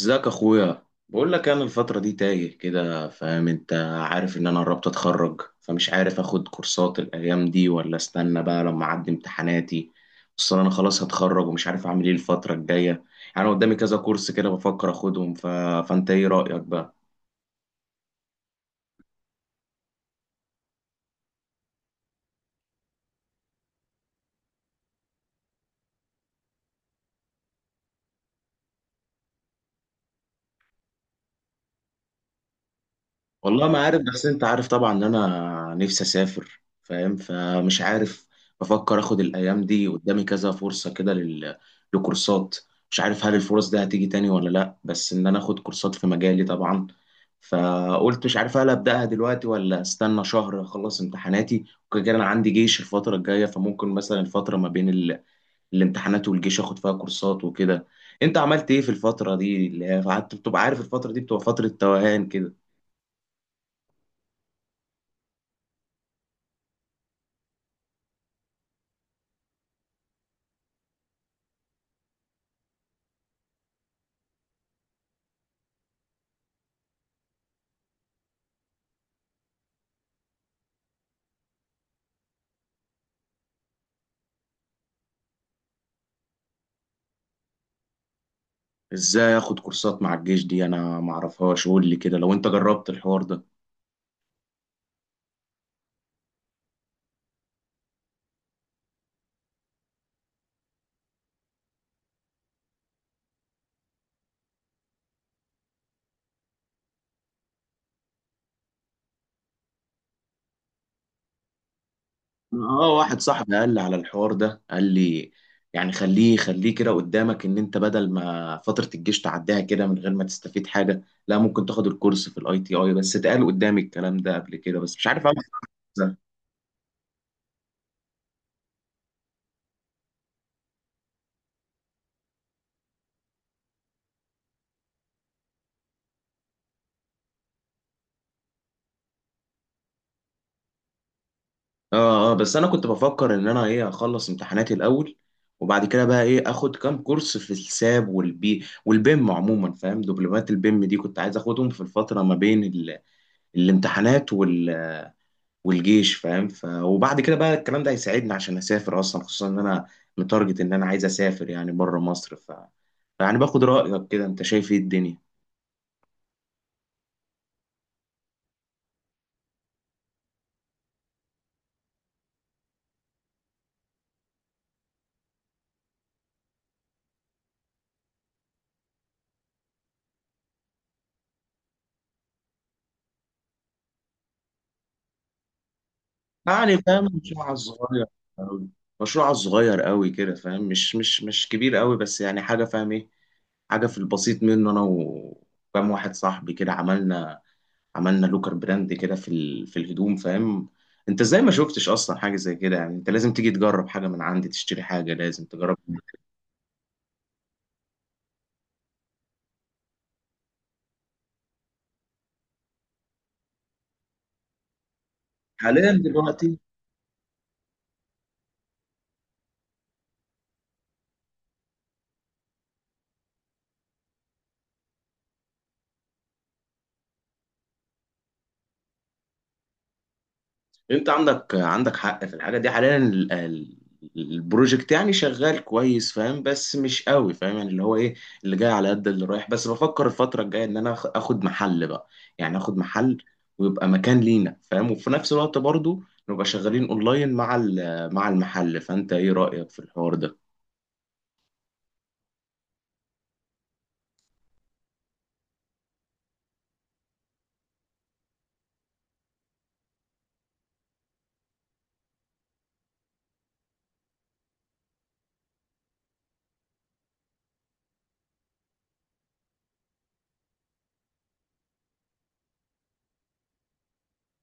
ازيك اخويا. بقول لك انا الفتره دي تايه كده، فاهم انت؟ عارف ان انا قربت اتخرج، فمش عارف اخد كورسات الايام دي ولا استنى بقى لما اعدي امتحاناتي. اصل انا خلاص هتخرج ومش عارف اعمل ايه الفتره الجايه. يعني قدامي كذا كورس كده بفكر اخدهم فانت ايه رايك بقى؟ والله ما عارف، بس انت عارف طبعا ان انا نفسي اسافر، فاهم؟ فمش عارف. بفكر اخد الايام دي قدامي كذا فرصة كده لكورسات. مش عارف هل الفرص دي هتيجي تاني ولا لا، بس ان انا اخد كورسات في مجالي طبعا. فقلت مش عارف هل ابداها دلوقتي ولا استنى شهر اخلص امتحاناتي، وكده كده انا عندي جيش الفترة الجاية، فممكن مثلا الفترة ما بين الامتحانات والجيش اخد فيها كورسات وكده. انت عملت ايه في الفترة دي اللي هي قعدت، بتبقى عارف الفترة دي بتبقى فترة توهان كده. ازاي اخد كورسات مع الجيش دي؟ انا معرفهاش، قول لي كده لو انت جربت الحوار ده. اه، واحد صاحبي قال لي على الحوار ده، قال لي يعني خليه كده قدامك ان انت بدل ما فترة الجيش تعديها كده من غير ما تستفيد حاجة، لا ممكن تاخد الكورس في الاي تي اي. بس اتقال قدامي الكلام ده قبل كده، بس مش عارف اعمل ازاي. اه اه، بس انا كنت بفكر ان انا ايه، اخلص امتحاناتي الاول، وبعد كده بقى ايه، اخد كام كورس في الساب والبي والبيم عموما، فاهم؟ دبلومات البيم دي كنت عايز اخدهم في الفترة ما بين الامتحانات والجيش، فاهم؟ وبعد كده بقى الكلام ده هيساعدني عشان اسافر اصلا، خصوصا ان انا متارجت ان انا عايز اسافر يعني بره مصر. يعني باخد رايك كده، انت شايف ايه الدنيا؟ يعني فاهم المشروع على الصغير قوي. مشروع على الصغير قوي كده، فاهم؟ مش كبير قوي، بس يعني حاجه، فاهم ايه، حاجه في البسيط منه. انا وكام واحد صاحبي كده عملنا لوكر براند كده في في الهدوم، فاهم؟ انت ازاي ما شفتش اصلا حاجه زي كده؟ يعني انت لازم تيجي تجرب حاجه من عندي، تشتري حاجه، لازم تجرب. حاليا دلوقتي انت عندك حق في الحاجه دي. حاليا البروجكت يعني شغال كويس، فاهم؟ بس مش قوي، فاهم يعني اللي هو ايه، اللي جاي على قد اللي رايح. بس بفكر الفتره الجايه ان انا اخد محل بقى. يعني اخد محل، ويبقى مكان لينا، فاهم؟ وفي نفس الوقت برضو نبقى شغالين اونلاين مع مع المحل. فانت ايه رايك في الحوار ده؟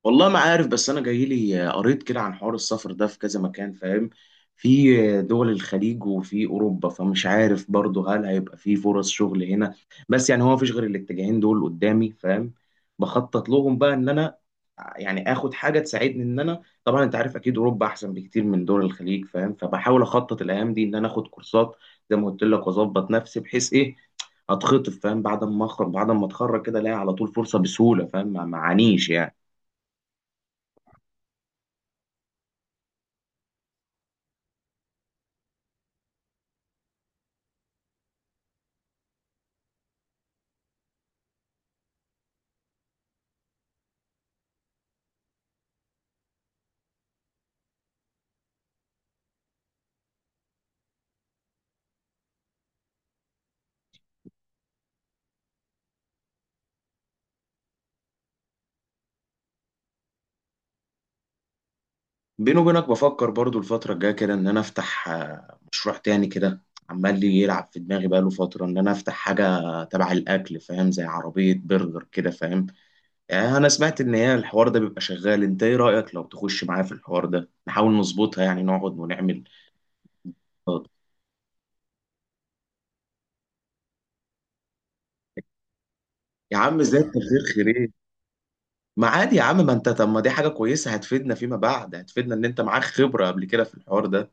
والله ما عارف، بس انا جاي لي قريت كده عن حوار السفر ده في كذا مكان، فاهم؟ في دول الخليج وفي اوروبا، فمش عارف برضه هل هيبقى في فرص شغل هنا. بس يعني هو مفيش غير الاتجاهين دول قدامي، فاهم؟ بخطط لهم بقى ان انا يعني اخد حاجه تساعدني ان انا. طبعا انت عارف اكيد اوروبا احسن بكتير من دول الخليج، فاهم؟ فبحاول اخطط الايام دي ان انا اخد كورسات زي ما قلت لك، واظبط نفسي بحيث ايه، اتخطف، فاهم؟ بعد ما اتخرج كده الاقي على طول فرصه بسهوله، فاهم؟ ما معانيش يعني. بيني وبينك بفكر برضو الفترة الجاية كده إن أنا أفتح مشروع تاني كده. عمال لي يلعب في دماغي بقاله فترة إن أنا أفتح حاجة تبع الأكل، فاهم؟ زي عربية برجر كده، فاهم؟ أنا سمعت إن هي الحوار ده بيبقى شغال. أنت إيه رأيك لو تخش معايا في الحوار ده، نحاول نظبطها يعني، نقعد ونعمل. آه. يا عم إزاي؟ التغيير خير إيه. ما عادي يا عم، ما أنت طب ما دي حاجة كويسة، هتفيدنا فيما بعد، هتفيدنا إن أنت معاك خبرة قبل كده في الحوار ده.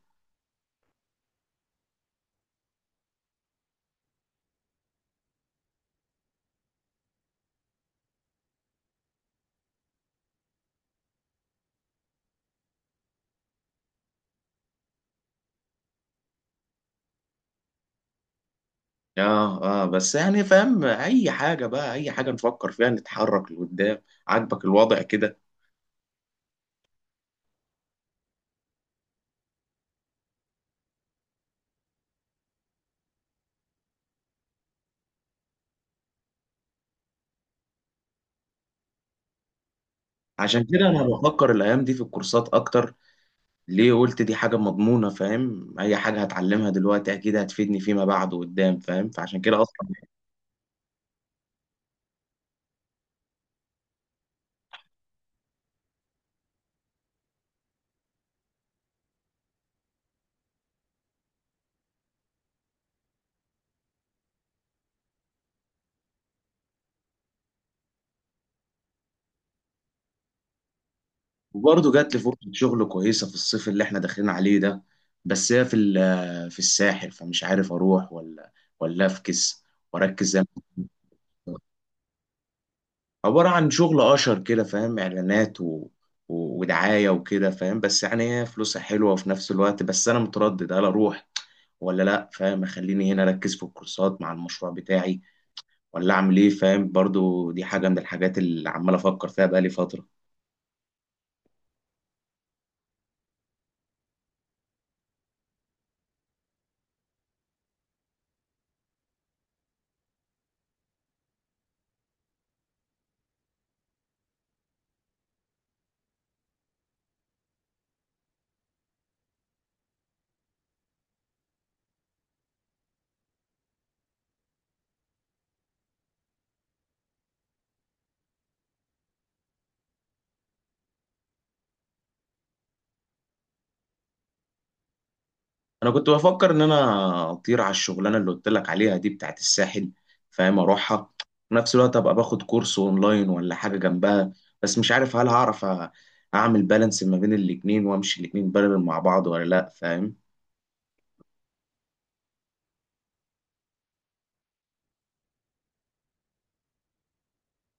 اه اه، بس يعني فاهم اي حاجه بقى، اي حاجه نفكر فيها، نتحرك لقدام. عاجبك الوضع كده؟ عشان كده انا بفكر الايام دي في الكورسات اكتر. ليه؟ قلت دي حاجه مضمونه، فاهم؟ اي حاجه هتعلمها دلوقتي اكيد هتفيدني فيما بعد قدام، فاهم؟ فعشان كده اصلا. وبرضه جات لي فرصه شغل كويسه في الصيف اللي احنا داخلين عليه ده، بس هي في في الساحل، فمش عارف اروح ولا ولا افكس واركز زي ما كنت. عبارة عن شغل اشر كده، فاهم؟ اعلانات ودعاية وكده، فاهم؟ بس يعني هي فلوسها حلوة، وفي نفس الوقت بس انا متردد هل اروح ولا لا، فاهم؟ اخليني هنا اركز في الكورسات مع المشروع بتاعي، ولا اعمل ايه، فاهم؟ برضو دي حاجة من الحاجات اللي عمال افكر فيها بقالي فترة. انا كنت بفكر ان انا اطير على الشغلانه اللي قلت لك عليها دي بتاعت الساحل، فاهم؟ اروحها في نفس الوقت، ابقى باخد كورس اونلاين ولا حاجه جنبها. بس مش عارف هل هعرف اعمل بالانس ما بين الاتنين، وامشي الاتنين بارل مع بعض ولا لا، فاهم؟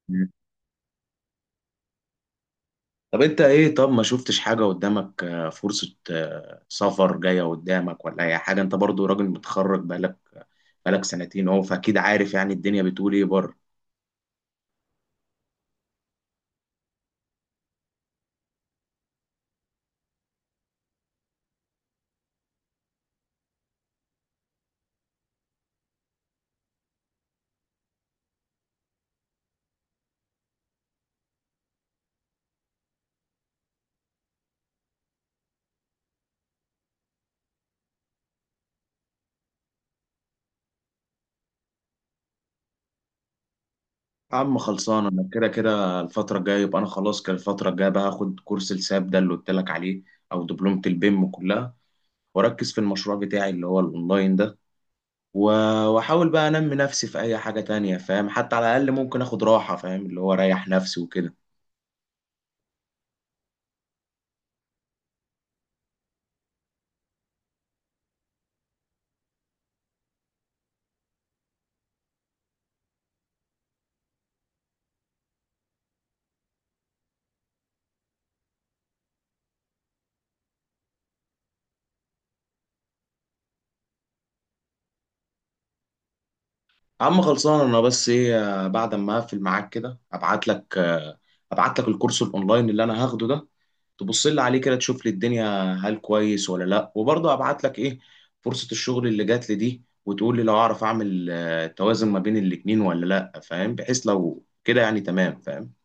مم. طب انت ايه، طب ما شفتش حاجه قدامك، فرصه سفر جايه قدامك ولا اي حاجه؟ انت برضو راجل متخرج بقالك سنتين اهو، فاكيد عارف يعني الدنيا بتقول ايه بره. يا عم خلصان، انا كده كده الفترة الجاية يبقى انا خلاص كده. الفترة الجاية بقى هاخد كورس الساب ده اللي قلت لك عليه او دبلومة البيم كلها، واركز في المشروع بتاعي اللي هو الاونلاين ده، و- واحاول بقى انمي نفسي في اي حاجة تانية، فاهم؟ حتى على الاقل ممكن اخد راحة، فاهم؟ اللي هو اريح نفسي وكده. عم خلصان، انا بس ايه، بعد ما اقفل معاك كده ابعت لك ابعت لك الكورس الاونلاين اللي انا هاخده ده، تبص لي عليه كده، تشوف لي الدنيا هل كويس ولا لا. وبرضه ابعت لك ايه، فرصة الشغل اللي جات لي دي، وتقول لي لو اعرف اعمل توازن ما بين الاتنين ولا لا، فاهم؟ بحيث لو كده يعني تمام، فاهم؟